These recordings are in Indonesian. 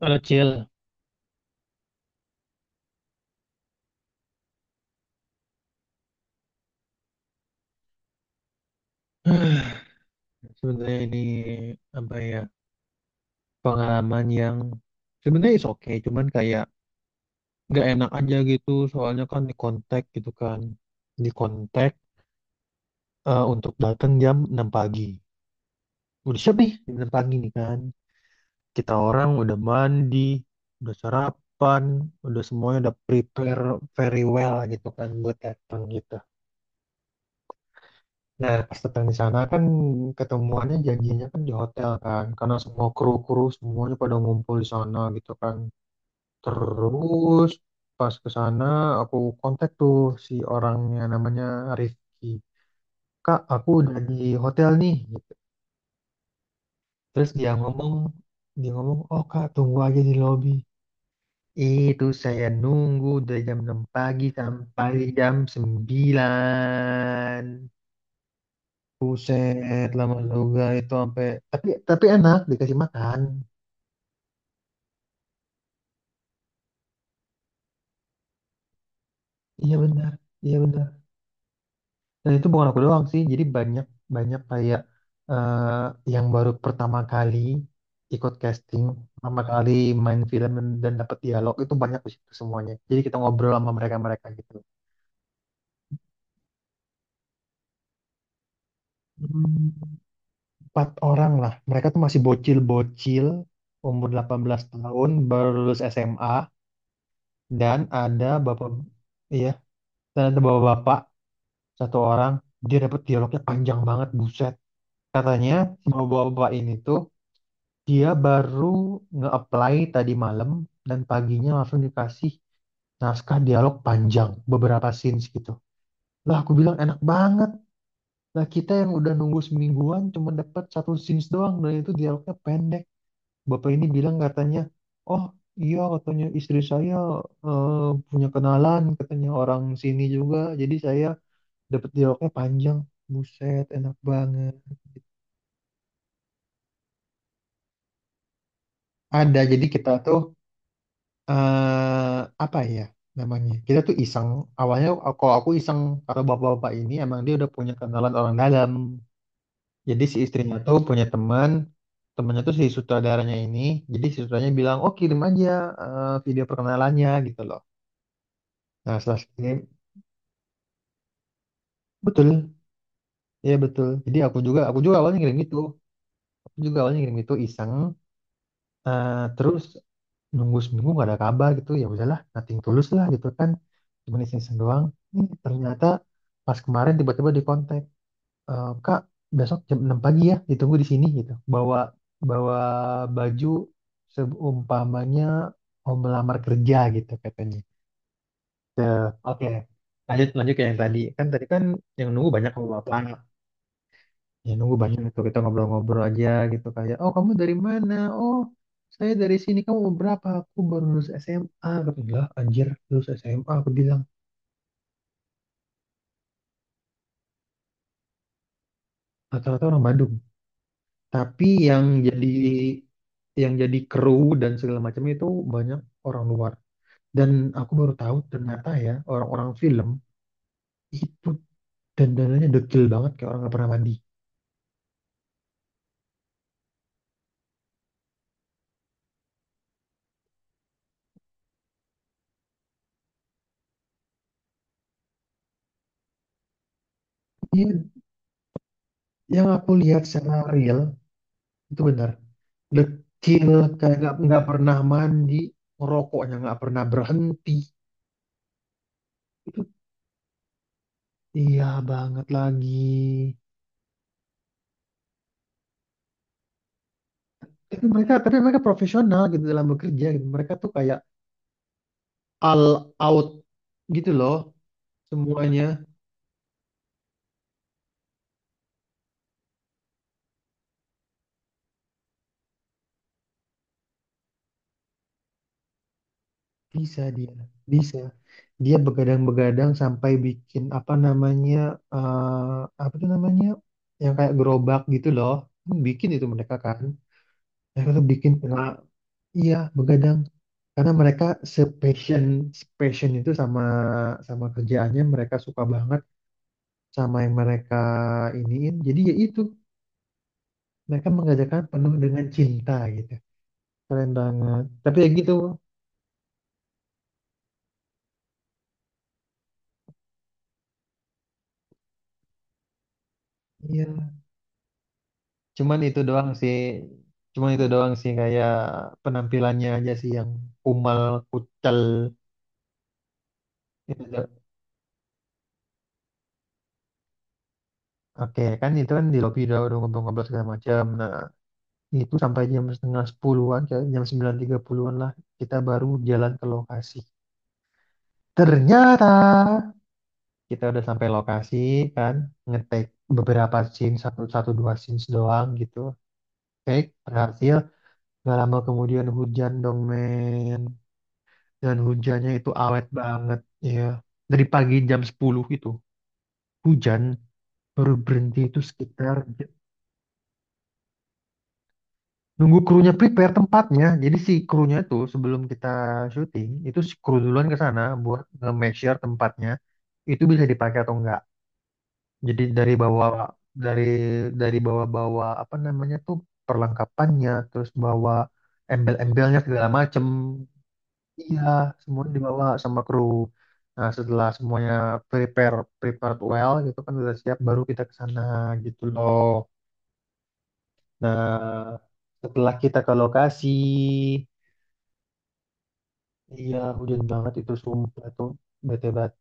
Halo Cil. Sebenarnya ini apa ya, pengalaman yang sebenarnya is oke cuman kayak nggak enak aja gitu. Soalnya kan di kontak gitu kan, di kontak untuk datang jam 6 pagi. Udah siap nih jam 6 pagi nih kan, kita orang udah mandi, udah sarapan, udah semuanya udah prepare very well gitu kan buat datang gitu. Nah, pas datang di sana kan ketemuannya janjinya kan di hotel kan, karena semua kru-kru semuanya pada ngumpul di sana gitu kan. Terus pas ke sana aku kontak tuh si orangnya, namanya Rifki. Kak, aku udah di hotel nih gitu. Terus dia ngomong, oh kak, tunggu aja di lobby. Itu saya nunggu dari jam 6 pagi sampai jam 9. Buset, lama juga itu sampai, tapi enak dikasih makan. Iya benar, iya benar. Dan itu bukan aku doang sih, jadi banyak, banyak kayak yang baru pertama kali ikut casting, pertama kali main film dan dapat dialog itu banyak di situ semuanya. Jadi kita ngobrol sama mereka-mereka gitu. Hmm, empat orang lah, mereka tuh masih bocil-bocil, umur 18 tahun, baru lulus SMA dan ada bapak, iya, dan ada bapak-bapak satu orang, dia dapat dialognya panjang banget buset. Katanya bapak-bapak ini tuh dia baru nge-apply tadi malam dan paginya langsung dikasih naskah dialog panjang beberapa scenes gitu. Lah aku bilang enak banget, lah kita yang udah nunggu semingguan cuma dapat satu scenes doang dan itu dialognya pendek. Bapak ini bilang katanya, oh iya, katanya istri saya eh, punya kenalan, katanya orang sini juga, jadi saya dapat dialognya panjang. Buset, enak banget. Ada, jadi kita tuh eh apa ya namanya? Kita tuh iseng. Awalnya kalau aku iseng, kalau bapak-bapak ini emang dia udah punya kenalan orang dalam. Jadi si istrinya tuh punya teman, temannya tuh si sutradaranya ini. Jadi si sutradaranya bilang, oh kirim aja video perkenalannya gitu loh. Nah setelah kirim, betul, iya betul. Jadi aku juga awalnya ngirim gitu. Aku juga awalnya ngirim itu iseng. Terus nunggu seminggu nggak ada kabar gitu, ya udahlah, nothing tulus lah gitu kan, cuma iseng-iseng doang. Nih, ternyata pas kemarin tiba-tiba di kontak, "Kak, besok jam 6 pagi ya, ditunggu di sini gitu, bawa bawa baju seumpamanya mau melamar kerja gitu," katanya. Eh, oke, lanjut lanjut ke yang tadi kan, tadi kan yang nunggu banyak sama bapak. Ya nunggu banyak itu kita ngobrol-ngobrol aja gitu, kayak oh kamu dari mana, oh saya dari sini, kamu umur berapa, aku baru lulus SMA, aku bilang anjir lulus SMA, aku bilang rata-rata orang Bandung. Tapi yang jadi, yang jadi kru dan segala macam itu banyak orang luar. Dan aku baru tahu ternyata ya, orang-orang film itu dandanannya dekil banget, kayak orang nggak pernah mandi. Iya, yang aku lihat secara real itu benar. Dekil, kayak nggak pernah mandi, ngerokoknya nggak pernah berhenti. Itu iya banget lagi. Tapi mereka profesional gitu dalam bekerja gitu. Mereka tuh kayak all out gitu loh, semuanya. Bisa dia, bisa. Dia begadang-begadang sampai bikin apa namanya, apa tuh namanya, yang kayak gerobak gitu loh. Hmm, bikin itu mereka kan. Mereka tuh bikin tengah. Iya, begadang. Karena mereka sepassion passion itu sama sama kerjaannya, mereka suka banget sama yang mereka iniin. Jadi ya itu, mereka mengerjakan penuh dengan cinta gitu. Keren banget. Tapi ya gitu. Iya. Cuman itu doang sih. Cuman itu doang sih, kayak penampilannya aja sih yang kumal, kucel. Itu do- Oke, kan itu kan di lobby udah ngobrol-ngobrol segala macam. Nah, itu sampai jam setengah sepuluhan, kayak jam sembilan tiga puluhan lah, kita baru jalan ke lokasi. Ternyata kita udah sampai lokasi kan, ngetek beberapa scene, satu, satu dua scenes doang gitu, take berhasil. Gak lama kemudian hujan dong, men, dan hujannya itu awet banget ya. Dari pagi jam 10 itu hujan, baru berhenti itu sekitar, nunggu krunya prepare tempatnya. Jadi si krunya itu sebelum kita syuting, itu si kru duluan ke sana buat nge-make sure tempatnya itu bisa dipakai atau enggak. Jadi dari bawa, dari dari bawa-bawa apa namanya tuh, perlengkapannya, terus bawa embel-embelnya segala macem. Iya, semuanya dibawa sama kru. Nah, setelah semuanya prepared well gitu kan, udah siap, baru kita ke sana gitu loh. Nah, setelah kita ke lokasi. Iya, hujan banget itu sumpah tuh. Bete banget.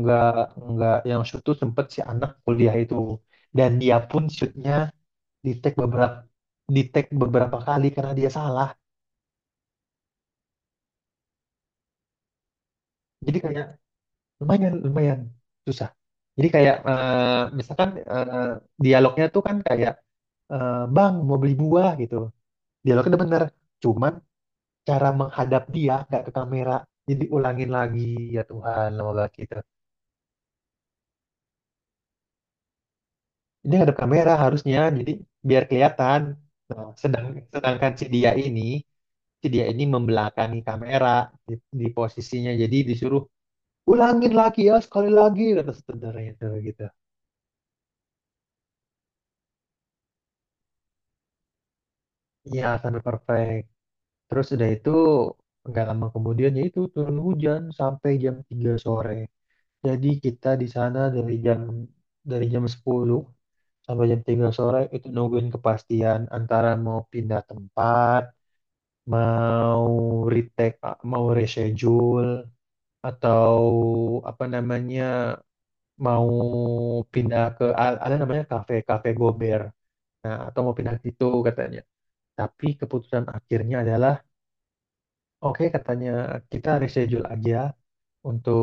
Nggak, nggak, yang shoot tuh sempet si anak kuliah itu. Dan dia pun shootnya di take beberapa, di take beberapa kali karena dia salah. Jadi kayak lumayan, lumayan susah. Jadi kayak misalkan dialognya tuh kan kayak bang, mau beli buah gitu. Dialognya udah bener. Cuman cara menghadap dia nggak ke kamera. Jadi ulangin lagi. Ya Tuhan, lama banget kita. Ini ada kamera harusnya, jadi biar kelihatan. Nah, sedangkan si dia ini membelakangi kamera di, di posisinya, jadi disuruh ulangin lagi, ya sekali lagi, kata saudaranya itu gitu. Iya sampai perfect. Terus udah itu nggak lama kemudian ya itu turun hujan sampai jam 3 sore. Jadi kita di sana dari jam 10 sampai jam 3 sore itu nungguin kepastian antara mau pindah tempat, mau retake, ah, mau reschedule, atau apa namanya, mau pindah ada namanya kafe kafe Gober. Nah, atau mau pindah gitu katanya. Tapi keputusan akhirnya adalah, oke katanya, kita reschedule aja untuk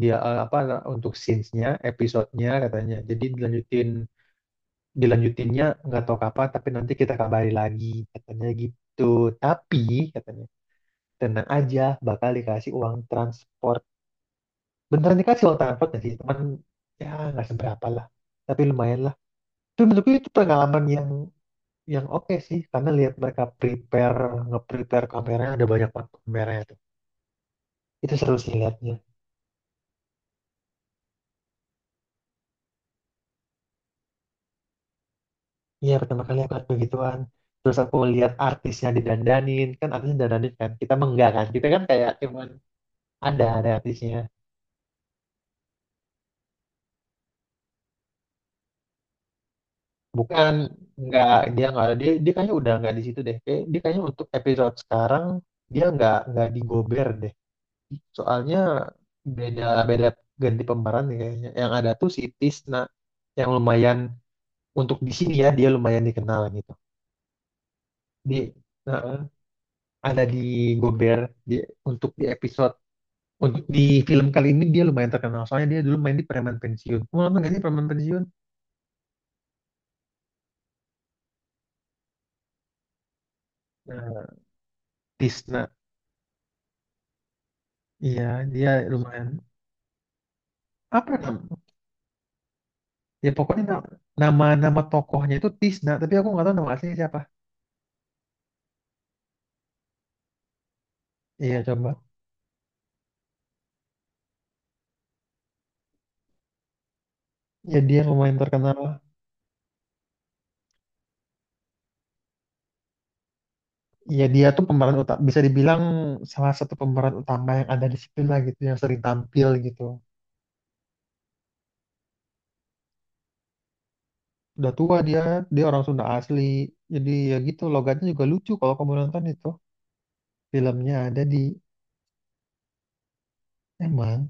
dia, apa, untuk scenes-nya, episode-nya, katanya. Jadi dilanjutinnya nggak tahu kapan, tapi nanti kita kabari lagi katanya gitu. Tapi katanya tenang aja, bakal dikasih uang transport. Beneran dikasih uang transport gak sih, teman, ya nggak seberapa lah, tapi lumayan lah. Itu menurutku itu pengalaman yang oke sih, karena lihat mereka nge-prepare kameranya, ada banyak banget kameranya tuh, itu seru sih liatnya. Iya pertama kali aku lihat begituan. Terus aku lihat artisnya didandanin kan, artisnya didandanin kan, kita mah enggak kan, kita kan kayak cuman, ada artisnya. Bukan, nggak, dia nggak ada, dia dia kayaknya udah nggak di situ deh. Dia kayaknya untuk episode sekarang dia nggak di Gober deh. Soalnya beda, beda ganti pemeran nih kayaknya. Yang ada tuh si Tisna, yang lumayan untuk di sini ya, dia lumayan dikenal gitu. Di nah, ada di Gober dia, untuk di episode untuk di film kali ini dia lumayan terkenal soalnya dia dulu main di Preman Pensiun. Mau nonton nggak sih Preman Pensiun? Nah, Tisna. Iya, dia lumayan, apa ya? Ya pokoknya na- nama nama tokohnya itu Tisna, tapi aku nggak tahu nama aslinya siapa. Iya coba. Ya dia lumayan terkenal. Ya dia tuh pemeran utama, bisa dibilang salah satu pemeran utama yang ada di situ lah gitu, yang sering tampil gitu. Udah tua dia, dia orang Sunda asli. Jadi ya gitu, logatnya juga lucu kalau kamu nonton itu. Filmnya ada di, emang,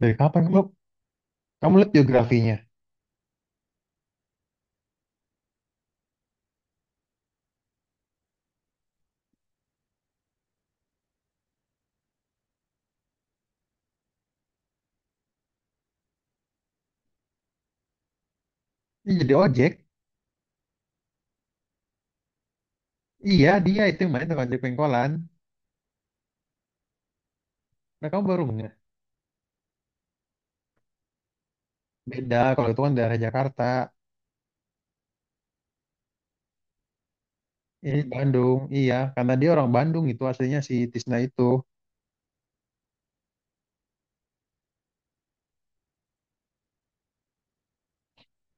dari kapan kamu lihat biografinya? Iya, jadi ojek. Iya, dia itu yang main tukang ojek pengkolan. Nah, kamu baru nggak? Beda, kalau itu kan daerah Jakarta. Eh, Bandung, iya, karena dia orang Bandung itu aslinya, si Tisna itu.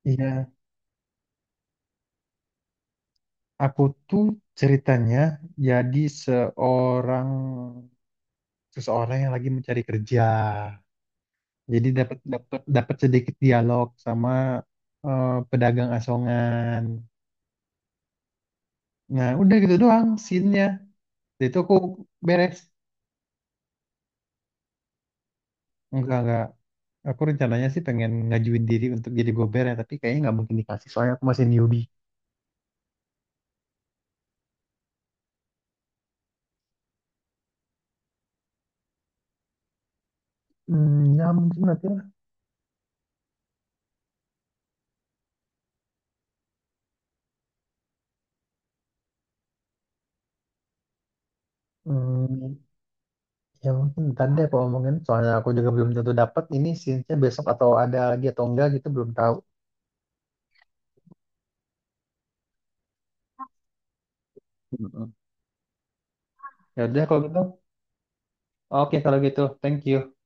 Iya, aku tuh ceritanya jadi seorang seseorang yang lagi mencari kerja. Jadi dapat, dapat sedikit dialog sama pedagang asongan. Nah, udah gitu doang scene-nya. Jadi itu aku beres. Enggak, enggak. Aku rencananya sih pengen ngajuin diri untuk jadi gober ya, tapi kayaknya nggak mungkin dikasih soalnya aku masih newbie. Hmm, ya mungkin nanti lah. Hmm, ya mungkin ntar deh aku omongin, soalnya aku juga belum tentu dapat ini scene-nya besok atau ada lagi atau enggak gitu, belum tahu. Mm-mm. Ya udah kalau gitu. Oke kalau gitu. Thank you.